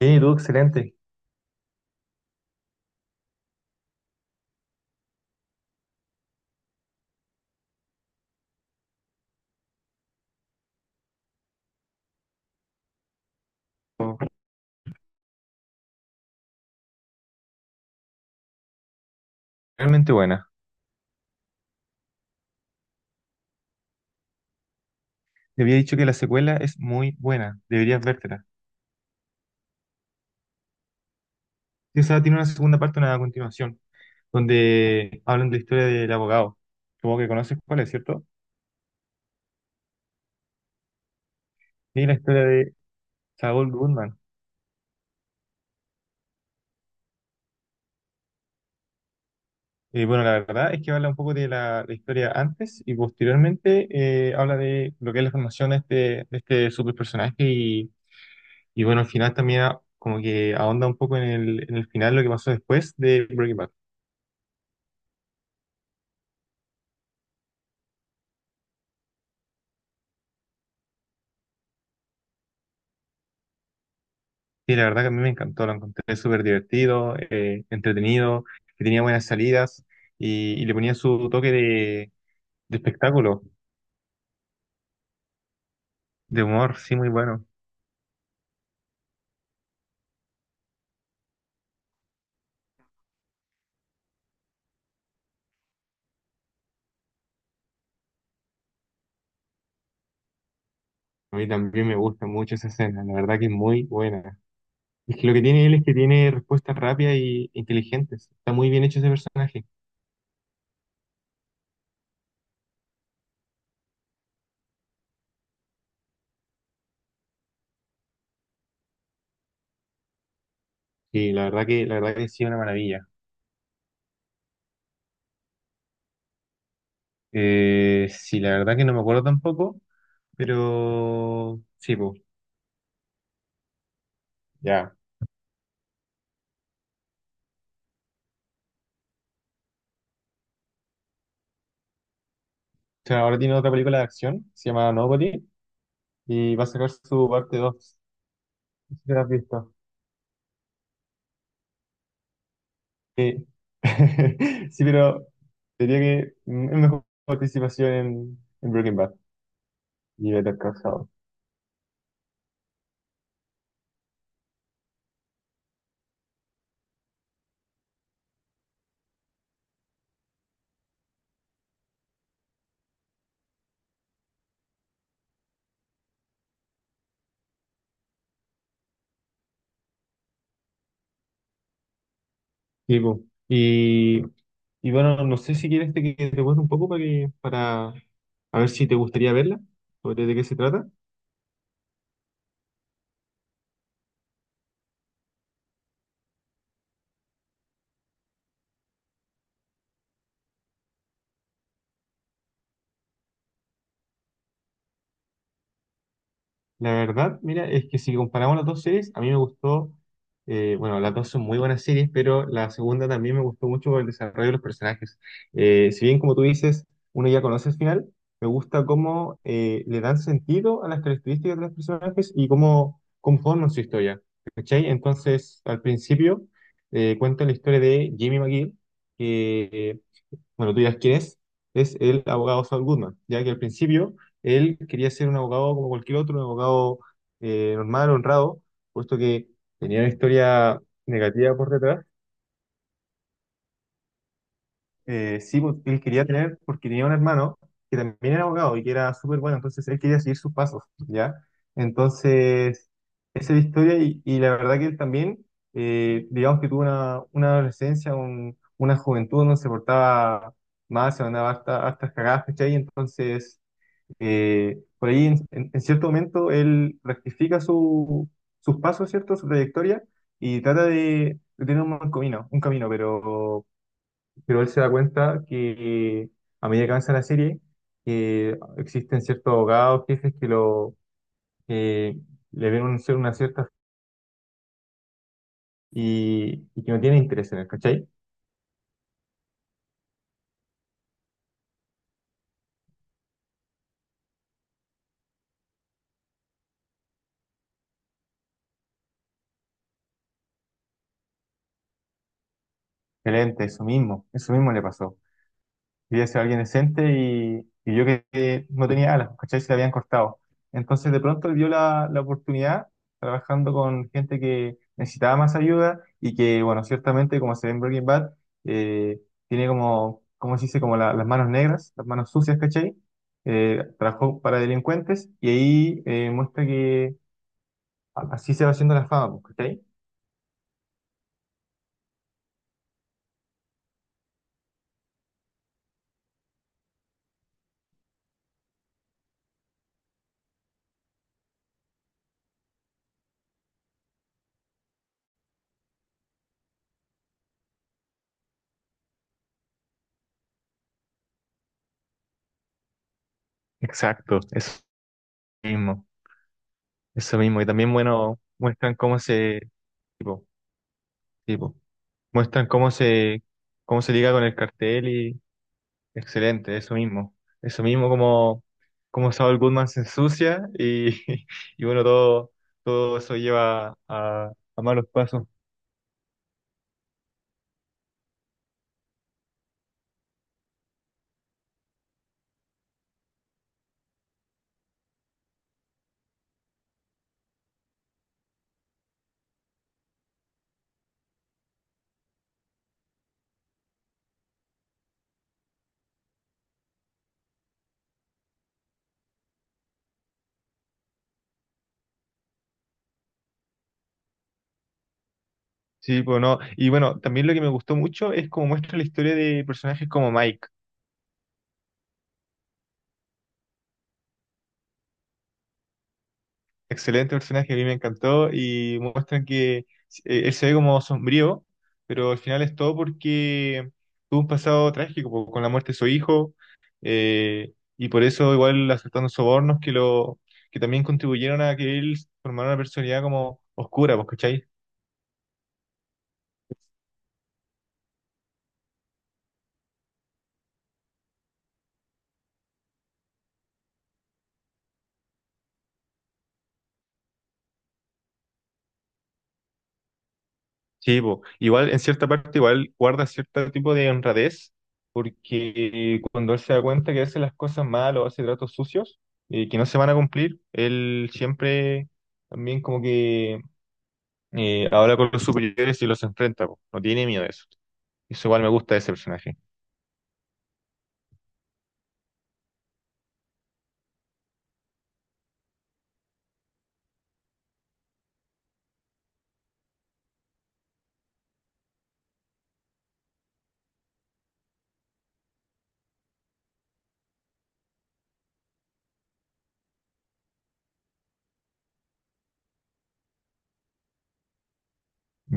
Sí, tú, excelente. Realmente buena. Te había dicho que la secuela es muy buena. Deberías vértela. Sí, o sea, tiene una segunda parte, una continuación, donde hablan de la historia del abogado. Como que conoces cuál es, ¿cierto? Y la historia de Saul Goodman. Y bueno, la verdad es que habla un poco de la historia antes y posteriormente habla de lo que es la formación de este super personaje y bueno, al final también como que ahonda un poco en el final lo que pasó después de Breaking Bad. Sí, la verdad que a mí me encantó, lo encontré súper divertido, entretenido, que tenía buenas salidas y le ponía su toque de espectáculo, de humor, sí, muy bueno. A mí también me gusta mucho esa escena, la verdad que es muy buena. Es que lo que tiene él es que tiene respuestas rápidas y inteligentes, está muy bien hecho ese personaje. Sí, la verdad que sí, una maravilla. Sí, la verdad que no me acuerdo tampoco, pero sí, pues, ya. O sea, ahora tiene otra película de acción, se llama Nobody y va a sacar su parte dos. No sé si la has visto. Sí, sí, pero diría que es mejor participación en Breaking Bad y Better Call Saul. Sí, po. Y, y bueno, no sé si quieres que te cuente un poco para que, para a ver si te gustaría verla, sobre de qué se trata. La verdad, mira, es que si comparamos las dos series, a mí me gustó, bueno, las dos son muy buenas series, pero la segunda también me gustó mucho por el desarrollo de los personajes. Si bien, como tú dices, uno ya conoce el final, me gusta cómo le dan sentido a las características de los personajes y cómo conforman su historia. ¿Cachai? Entonces, al principio, cuenta la historia de Jimmy McGill, que bueno, tú dirás quién es el abogado Saul Goodman, ya que al principio él quería ser un abogado como cualquier otro, un abogado normal, honrado, puesto que tenía una historia negativa por detrás. Sí, pues, él quería tener, porque tenía un hermano que también era abogado y que era súper bueno, entonces él quería seguir sus pasos, ¿ya? Entonces, esa es la historia y la verdad que él también, digamos que tuvo una adolescencia, una juventud donde se portaba mal, se mandaba hasta, hasta cagadas, ¿cachai? Entonces, por ahí en, en cierto momento él rectifica su, sus pasos, ¿cierto? Su trayectoria y trata de tener un buen camino, un camino, pero él se da cuenta que a medida que avanza la serie, que existen ciertos abogados, jefes que lo que le ven una cierta y que no tienen interés en él, ¿cachai? Excelente, eso mismo le pasó. Quería ser alguien decente y yo que no tenía alas, ¿cachai? Se le habían cortado. Entonces de pronto dio la, la oportunidad trabajando con gente que necesitaba más ayuda y que, bueno, ciertamente, como se ve en Breaking Bad, eh, tiene como, ¿cómo se dice? Como las manos negras, las manos sucias, ¿cachai? Trabajó para delincuentes y ahí muestra que así se va haciendo la fama, pues, ¿cachai? Exacto, eso mismo, eso mismo. Y también, bueno, muestran cómo se... Tipo, tipo. Muestran cómo se liga con el cartel y excelente, eso mismo. Eso mismo como, como Saul Goodman se ensucia y bueno, todo, todo eso lleva a malos pasos. Sí, pues no. Y bueno, también lo que me gustó mucho es cómo muestra la historia de personajes como Mike. Excelente personaje, a mí me encantó y muestran que él se ve como sombrío, pero al final es todo porque tuvo un pasado trágico po, con la muerte de su hijo. Y por eso igual aceptando sobornos que lo que también contribuyeron a que él formara una personalidad como oscura, pues. Sí, po. Igual en cierta parte igual guarda cierto tipo de honradez, porque cuando él se da cuenta que hace las cosas mal o hace tratos sucios, que no se van a cumplir, él siempre también como que habla con los superiores y los enfrenta, po. No tiene miedo de eso. Eso igual me gusta de ese personaje.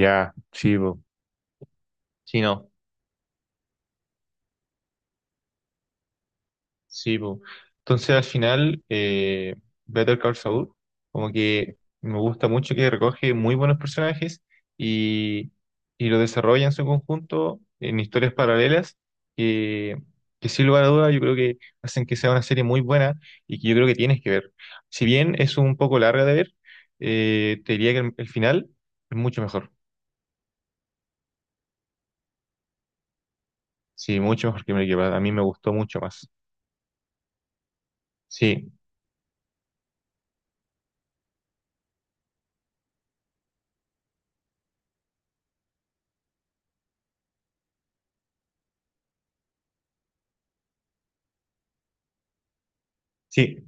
Ya, sí, po. Sí, no. Sí, po. Entonces al final, Better Call Saul, como que me gusta mucho que recoge muy buenos personajes y, y lo desarrolla en su conjunto en historias paralelas que, que sin lugar a dudas yo creo que hacen que sea una serie muy buena y que yo creo que tienes que ver. Si bien es un poco larga de ver, te diría que el final es mucho mejor. Sí, mucho mejor que Breaking Bad. A mí me gustó mucho más. Sí, sí.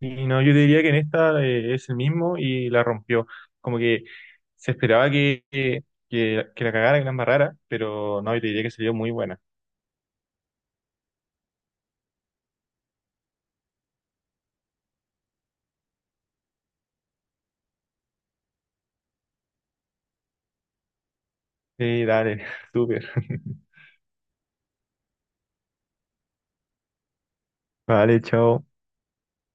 Y no, yo diría que en esta es el mismo y la rompió. Como que se esperaba que, la cagara, que la embarrara, pero no, yo diría que salió muy buena. Sí, dale, súper. Vale, chao.